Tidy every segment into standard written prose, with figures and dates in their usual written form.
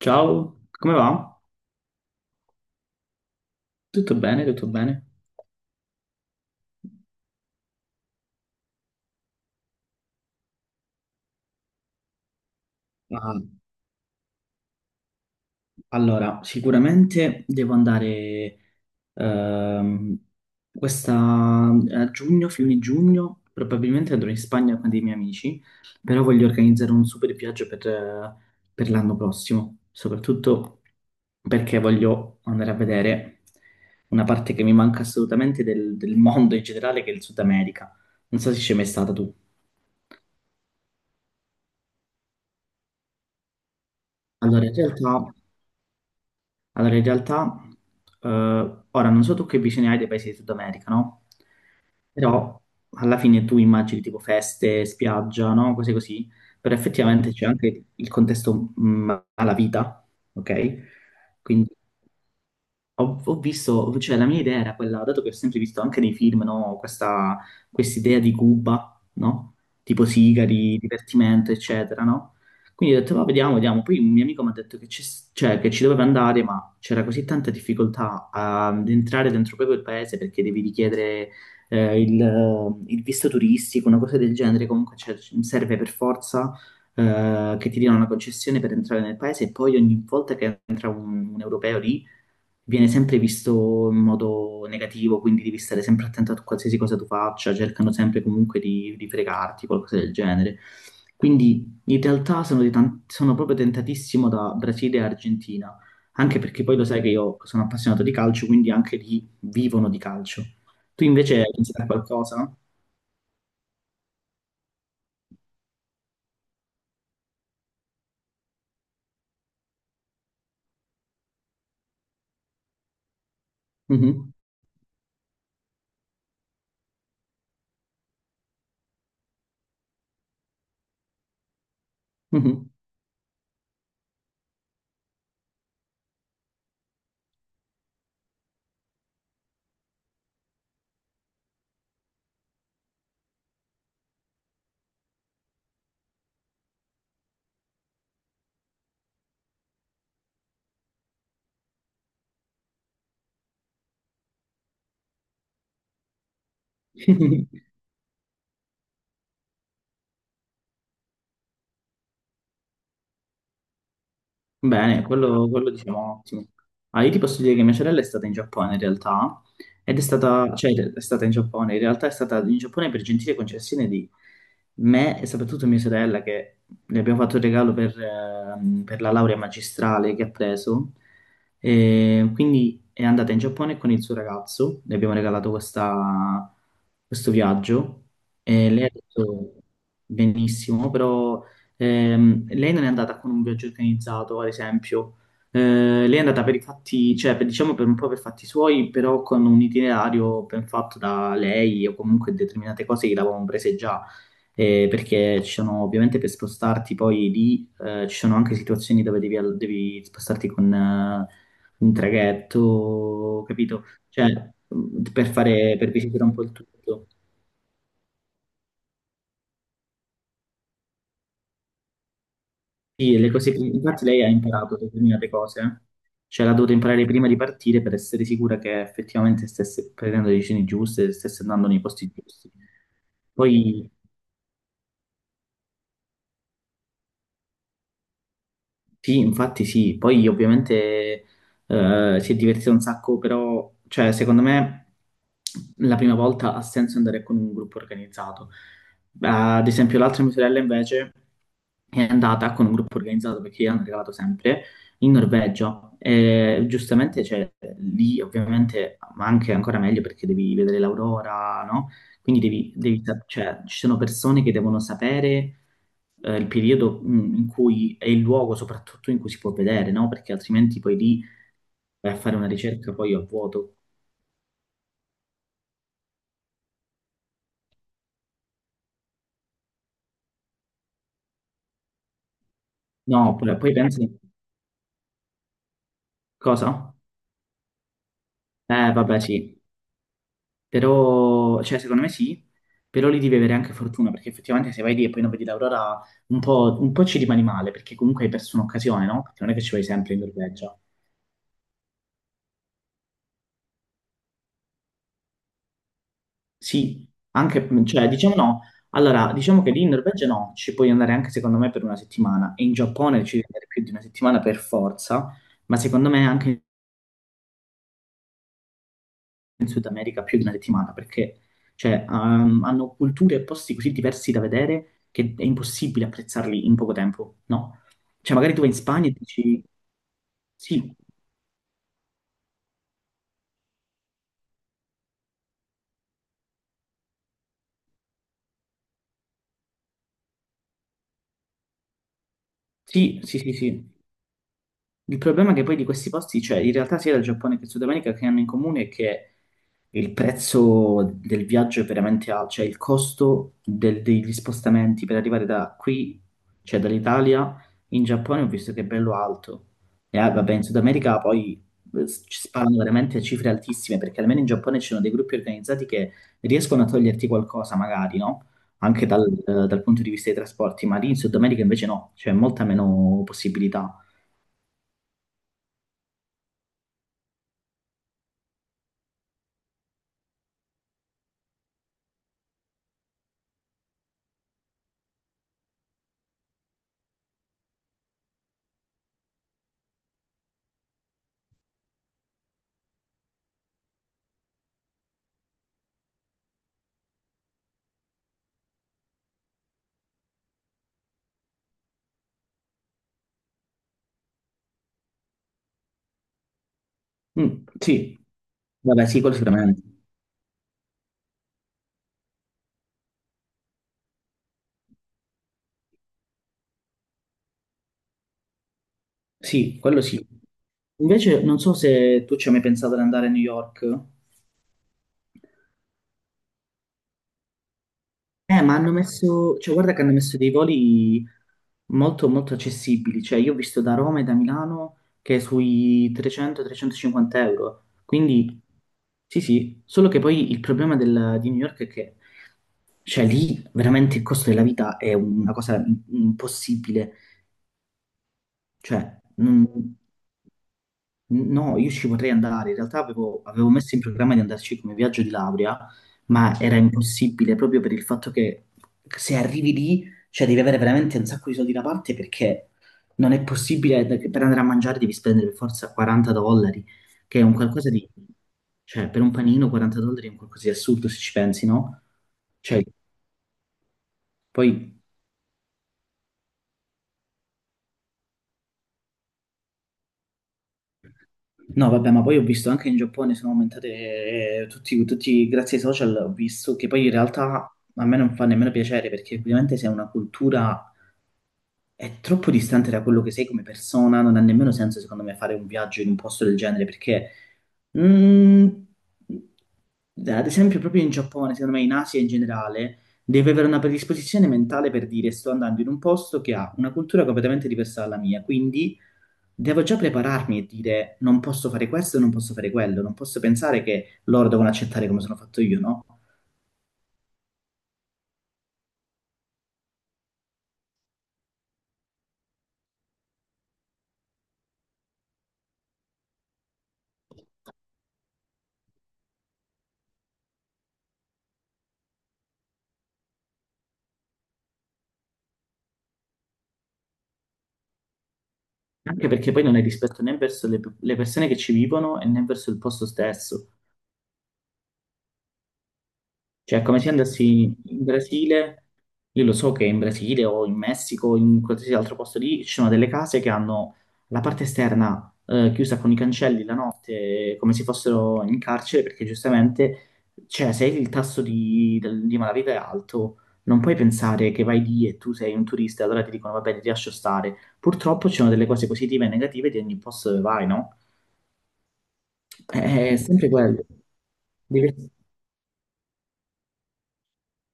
Ciao, come va? Tutto bene, tutto bene. Ah, allora, sicuramente devo andare ehm, questa, a giugno, fine giugno, probabilmente andrò in Spagna con dei miei amici, però voglio organizzare un super viaggio per l'anno prossimo, soprattutto perché voglio andare a vedere una parte che mi manca assolutamente del mondo in generale, che è il Sud America. Non so se ci sei mai stata tu. Allora, in realtà... Allora, in realtà, ora non so tu che visione hai dei paesi di Sud America, no? Però alla fine tu immagini tipo feste, spiaggia, no? Cose così, però effettivamente c'è anche il contesto alla vita, ok? Quindi ho visto, cioè la mia idea era quella, dato che ho sempre visto anche nei film, no, questa idea di Cuba, no? Tipo sigari, divertimento, eccetera, no? Quindi ho detto, va, vediamo, vediamo. Poi un mio amico mi ha detto che, cioè, che ci doveva andare, ma c'era così tanta difficoltà ad entrare dentro proprio il paese perché devi richiedere il visto turistico, una cosa del genere. Comunque cioè, serve per forza che ti diano una concessione per entrare nel paese e poi ogni volta che entra un europeo lì viene sempre visto in modo negativo, quindi devi stare sempre attento a qualsiasi cosa tu faccia, cercano sempre comunque di fregarti, qualcosa del genere. Quindi in realtà sono proprio tentatissimo da Brasile e Argentina, anche perché poi lo sai che io sono appassionato di calcio, quindi anche lì vivono di calcio. Tu invece hai pensato a qualcosa? Mhm, mhm. Bene, quello diciamo ottimo. Ah, io ti posso dire che mia sorella è stata in Giappone in realtà, ed è stata, cioè è stata in Giappone, in realtà è stata in Giappone per gentile concessione di me e soprattutto mia sorella che le abbiamo fatto il regalo per la laurea magistrale che ha preso, e quindi è andata in Giappone con il suo ragazzo, le abbiamo regalato questo viaggio e lei ha detto benissimo, però lei non è andata con un viaggio organizzato, ad esempio. Eh, lei è andata per i fatti, cioè diciamo per un po' per fatti suoi, però con un itinerario ben fatto da lei o comunque determinate cose che l'avevamo prese già. Perché ci sono ovviamente per spostarti poi lì, ci sono anche situazioni dove devi, devi spostarti con un traghetto, capito? Cioè, per visitare un po' il tutto. Sì, le cose, infatti lei ha imparato determinate cose, eh. Cioè l'ha dovuto imparare prima di partire per essere sicura che effettivamente stesse prendendo le decisioni giuste, stesse andando nei posti giusti. Poi sì, infatti sì, poi ovviamente si è divertito un sacco, però cioè, secondo me la prima volta ha senso andare con un gruppo organizzato. Ad esempio l'altra mia sorella invece è andata con un gruppo organizzato perché io hanno regalato sempre in Norvegia e giustamente cioè, lì ovviamente, ma anche ancora meglio perché devi vedere l'aurora, no? Quindi devi cioè, ci sono persone che devono sapere il periodo in cui è il luogo soprattutto in cui si può vedere, no? Perché altrimenti poi lì vai a fare una ricerca poi a vuoto. No, poi pensi cosa? Vabbè, sì, però, cioè, secondo me sì, però lì devi avere anche fortuna, perché effettivamente se vai lì e poi non vedi l'aurora, un po', ci rimani male, perché comunque hai perso un'occasione, no? Perché non è che ci vai sempre in Norvegia. Sì, anche, cioè, diciamo no. Allora, diciamo che lì in Norvegia no, ci puoi andare anche secondo me per una settimana e in Giappone ci devi andare più di una settimana per forza, ma secondo me anche in Sud America più di una settimana perché cioè, hanno culture e posti così diversi da vedere che è impossibile apprezzarli in poco tempo, no? Cioè, magari tu vai in Spagna e dici sì, sì, sì, sì, sì. Il problema è che poi di questi posti, cioè in realtà sia del Giappone che il Sud America che hanno in comune è che il prezzo del viaggio è veramente alto, cioè il costo degli spostamenti per arrivare da qui, cioè dall'Italia in Giappone, ho visto che è bello alto. E vabbè, in Sud America poi ci sparano veramente cifre altissime, perché almeno in Giappone ci sono dei gruppi organizzati che riescono a toglierti qualcosa, magari, no? Anche dal punto di vista dei trasporti, ma lì in Sud America invece no, c'è molta meno possibilità. Mm, sì, vabbè, sì, quello sicuramente. Sì, quello sì. Invece, non so se tu ci hai mai pensato di andare a New York. Ma hanno messo, cioè, guarda che hanno messo dei voli molto, molto accessibili. Cioè, io ho visto da Roma e da Milano che è sui 300-350 euro. Quindi, sì, sì. Solo che poi il problema di New York è che, cioè, lì veramente il costo della vita è una cosa impossibile. Cioè, non. No, io ci potrei andare. In realtà avevo messo in programma di andarci come viaggio di laurea, ma era impossibile proprio per il fatto che se arrivi lì, cioè devi avere veramente un sacco di soldi da parte perché non è possibile, per andare a mangiare devi spendere per forza 40 dollari, che è un qualcosa di... Cioè per un panino 40 dollari è un qualcosa di assurdo se ci pensi, no? Cioè, poi no, vabbè, ma poi ho visto anche in Giappone sono aumentate tutti, grazie ai social, ho visto che poi in realtà a me non fa nemmeno piacere perché ovviamente se è una cultura è troppo distante da quello che sei come persona, non ha nemmeno senso, secondo me, fare un viaggio in un posto del genere, perché, mm, ad esempio, proprio in Giappone, secondo me, in Asia in generale, devi avere una predisposizione mentale per dire sto andando in un posto che ha una cultura completamente diversa dalla mia, quindi devo già prepararmi e dire non posso fare questo, non posso fare quello, non posso pensare che loro devono accettare come sono fatto io, no? Anche perché poi non è rispetto né verso le persone che ci vivono e né verso il posto stesso. Cioè, è come se andassi in Brasile, io lo so che in Brasile o in Messico o in qualsiasi altro posto lì ci sono delle case che hanno la parte esterna chiusa con i cancelli la notte, come se fossero in carcere, perché giustamente, cioè, se il tasso di malavita è alto, non puoi pensare che vai lì e tu sei un turista, allora ti dicono, va bene, ti lascio stare. Purtroppo ci sono delle cose positive e negative di ogni posto dove vai, no? È sempre quello. Diver-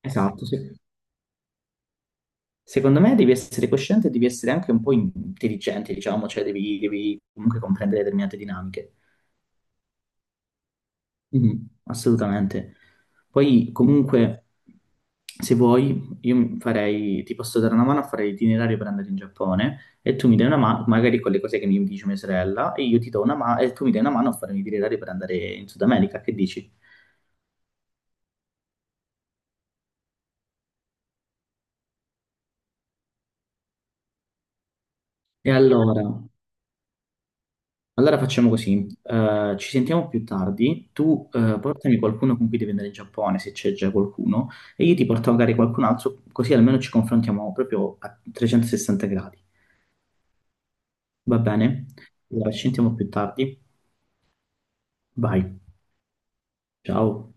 Esatto, sì. Secondo me devi essere cosciente e devi essere anche un po' intelligente, diciamo, cioè devi comunque comprendere determinate dinamiche. Mhm, assolutamente. Poi comunque, se vuoi, io farei, ti posso dare una mano a fare l'itinerario per andare in Giappone e tu mi dai una mano, magari con le cose che mi dice mia sorella, e io ti do una mano e tu mi dai una mano a fare un itinerario per andare in Sud America, che dici? E allora? Allora facciamo così, ci sentiamo più tardi, tu portami qualcuno con cui devi andare in Giappone, se c'è già qualcuno, e io ti porto magari qualcun altro, così almeno ci confrontiamo proprio a 360 gradi. Va bene? Allora ci sentiamo più tardi, vai, ciao.